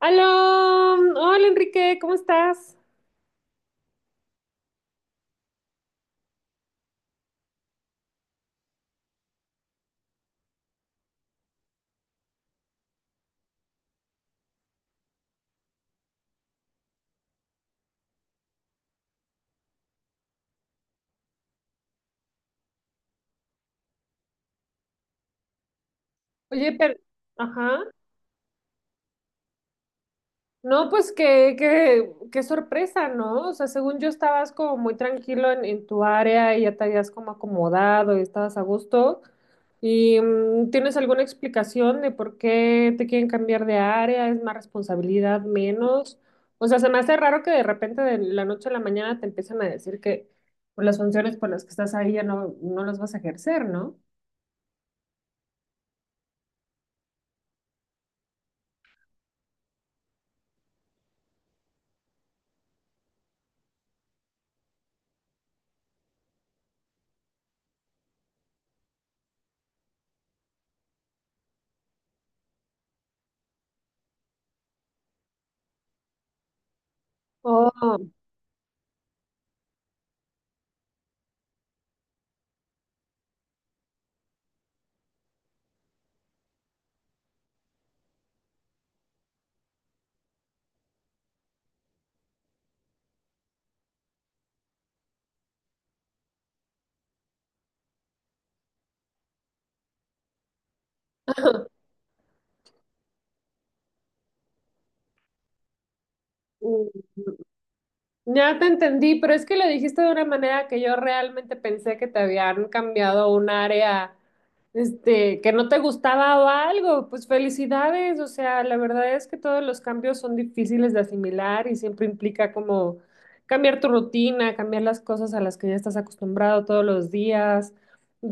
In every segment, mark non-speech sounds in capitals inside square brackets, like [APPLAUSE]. Aló, hola Enrique, ¿cómo estás? Oye, pero, ajá, no, pues qué sorpresa, ¿no? O sea, según yo estabas como muy tranquilo en tu área y ya te habías como acomodado y estabas a gusto. ¿Y tienes alguna explicación de por qué te quieren cambiar de área? ¿Es más responsabilidad, menos? O sea, se me hace raro que de repente de la noche a la mañana te empiecen a decir que pues, las funciones por las que estás ahí ya no las vas a ejercer, ¿no? Oh. mm, Ya te entendí, pero es que lo dijiste de una manera que yo realmente pensé que te habían cambiado un área, que no te gustaba o algo. Pues felicidades, o sea, la verdad es que todos los cambios son difíciles de asimilar y siempre implica como cambiar tu rutina, cambiar las cosas a las que ya estás acostumbrado todos los días,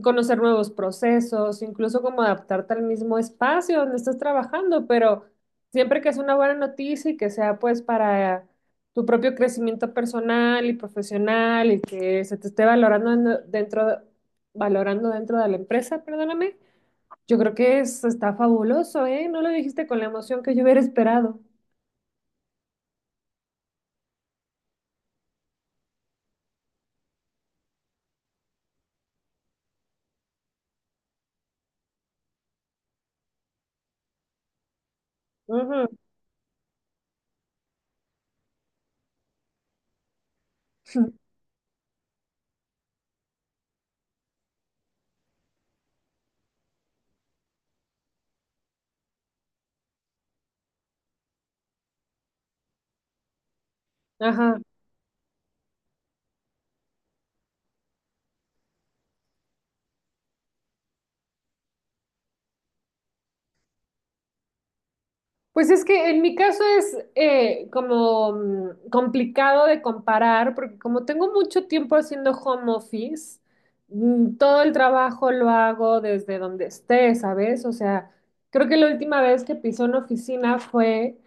conocer nuevos procesos, incluso como adaptarte al mismo espacio donde estás trabajando, pero siempre que es una buena noticia y que sea pues para tu propio crecimiento personal y profesional y que se te esté valorando dentro, valorando dentro de la empresa, perdóname, yo creo que es, está fabuloso, ¿eh? No lo dijiste con la emoción que yo hubiera esperado. Ujú. [LAUGHS] Ajá. Pues es que en mi caso es como complicado de comparar, porque como tengo mucho tiempo haciendo home office, mm, todo el trabajo lo hago desde donde esté, ¿sabes? O sea, creo que la última vez que pisé una oficina fue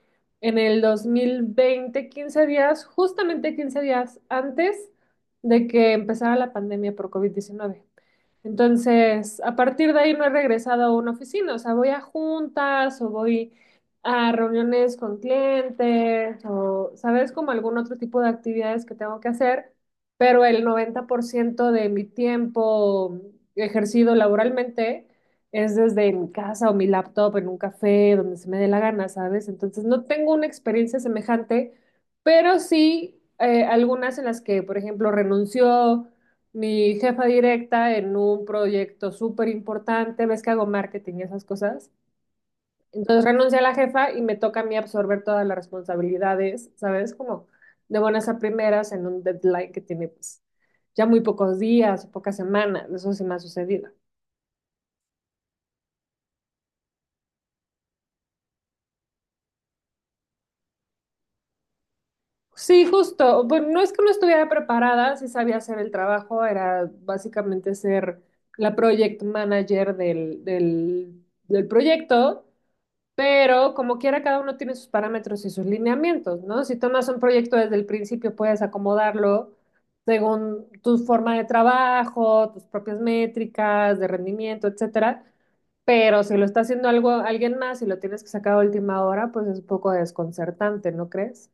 en el 2020, 15 días, justamente 15 días antes de que empezara la pandemia por COVID-19. Entonces, a partir de ahí no he regresado a una oficina, o sea, voy a juntas o voy a reuniones con clientes o, ¿sabes? Como algún otro tipo de actividades que tengo que hacer, pero el 90% de mi tiempo ejercido laboralmente es desde mi casa o mi laptop en un café, donde se me dé la gana, ¿sabes? Entonces, no tengo una experiencia semejante, pero sí algunas en las que, por ejemplo, renunció mi jefa directa en un proyecto súper importante, ves que hago marketing y esas cosas. Entonces renuncia a la jefa y me toca a mí absorber todas las responsabilidades, ¿sabes? Como de buenas a primeras en un deadline que tiene pues ya muy pocos días o pocas semanas, eso sí me ha sucedido. Sí, justo, bueno, no es que no estuviera preparada, sí sabía hacer el trabajo, era básicamente ser la project manager del proyecto. Pero como quiera, cada uno tiene sus parámetros y sus lineamientos, ¿no? Si tomas un proyecto desde el principio, puedes acomodarlo según tu forma de trabajo, tus propias métricas de rendimiento, etcétera. Pero si lo está haciendo algo, alguien más y lo tienes que sacar a última hora, pues es un poco desconcertante, ¿no crees?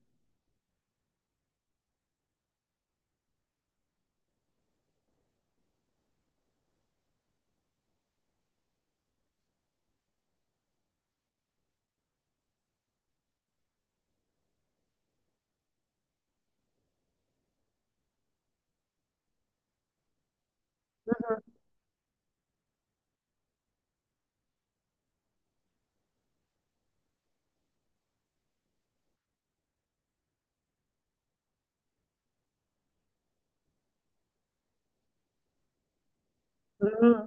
Ujú.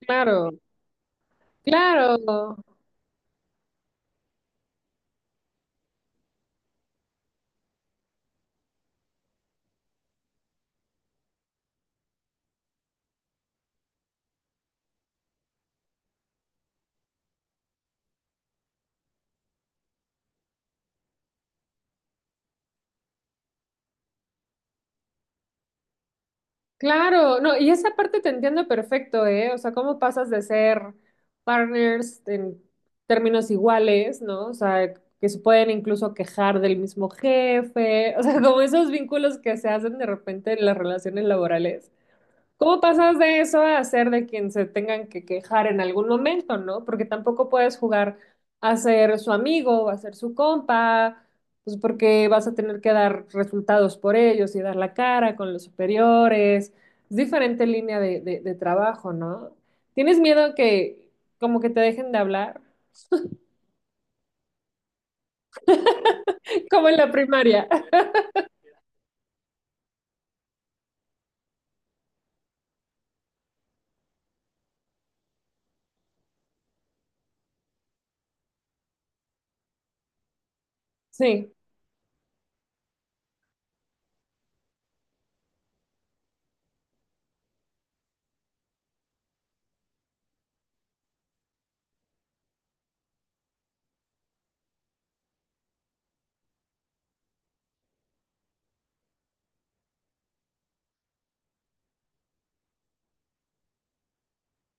Claro, claro. Claro, no, y esa parte te entiendo perfecto, ¿eh? O sea, cómo pasas de ser partners en términos iguales, ¿no? O sea, que se pueden incluso quejar del mismo jefe, [LAUGHS] o sea, como esos vínculos que se hacen de repente en las relaciones laborales. ¿Cómo pasas de eso a ser de quien se tengan que quejar en algún momento, ¿no? Porque tampoco puedes jugar a ser su amigo, a ser su compa, pues porque vas a tener que dar resultados por ellos y dar la cara con los superiores. Es diferente línea de trabajo, ¿no? ¿Tienes miedo que como que te dejen de hablar? [LAUGHS] Como en la primaria. [LAUGHS] Sí.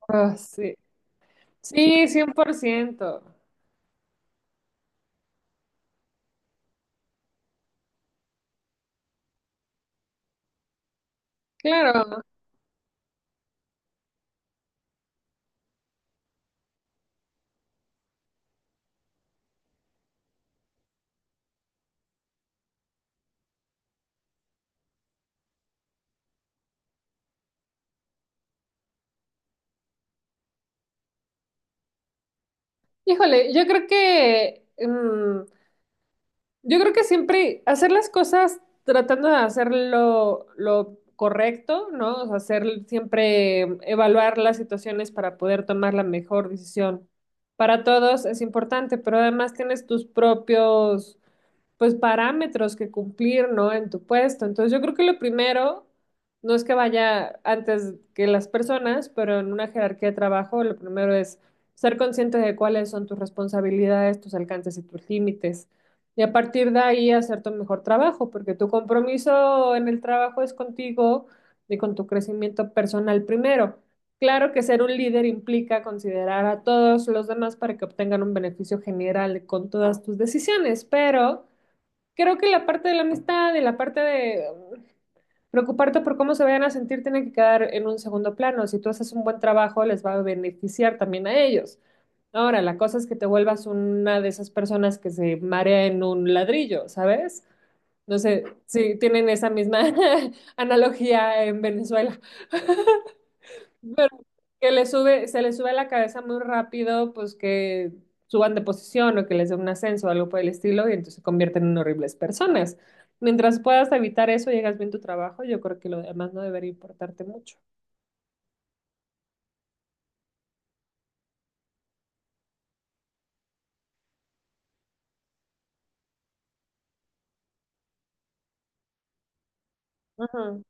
Ah, sí. Sí, 100%. Claro. Híjole, yo creo que... mm, yo creo que siempre hacer las cosas tratando de hacer lo correcto, ¿no? O sea, hacer siempre evaluar las situaciones para poder tomar la mejor decisión. Para todos es importante, pero además tienes tus propios pues parámetros que cumplir, ¿no? En tu puesto. Entonces yo creo que lo primero, no es que vaya antes que las personas, pero en una jerarquía de trabajo, lo primero es ser consciente de cuáles son tus responsabilidades, tus alcances y tus límites. Y a partir de ahí hacer tu mejor trabajo, porque tu compromiso en el trabajo es contigo y con tu crecimiento personal primero. Claro que ser un líder implica considerar a todos los demás para que obtengan un beneficio general con todas tus decisiones, pero creo que la parte de la amistad y la parte de preocuparte por cómo se vayan a sentir tiene que quedar en un segundo plano. Si tú haces un buen trabajo, les va a beneficiar también a ellos. Ahora, la cosa es que te vuelvas una de esas personas que se marea en un ladrillo, ¿sabes? No sé si tienen esa misma [LAUGHS] analogía en Venezuela. [LAUGHS] Pero que le sube, se le sube la cabeza muy rápido, pues que suban de posición o que les dé un ascenso o algo por el estilo, y entonces se convierten en horribles personas. Mientras puedas evitar eso, llegas bien a tu trabajo, yo creo que lo demás no debería importarte mucho. Ujú,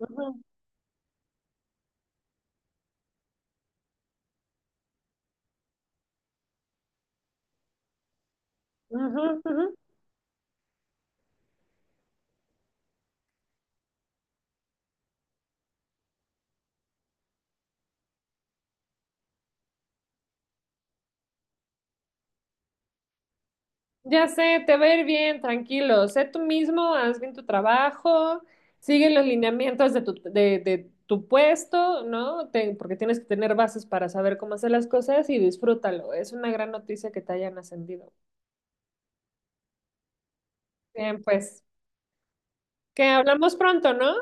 ujú, ujú, ujú. Ya sé, te va a ir bien, tranquilo. Sé tú mismo, haz bien tu trabajo, sigue los lineamientos de tu puesto, ¿no? Te- porque tienes que tener bases para saber cómo hacer las cosas y disfrútalo. Es una gran noticia que te hayan ascendido. Bien, pues, que hablamos pronto, ¿no?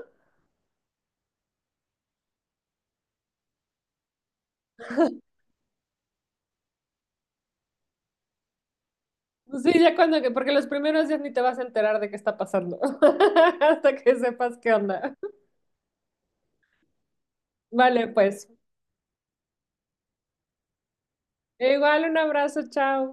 Pues sí, ya cuando que, porque los primeros días ni te vas a enterar de qué está pasando, [LAUGHS] hasta que sepas qué onda. Vale, pues. E igual, un abrazo, chao.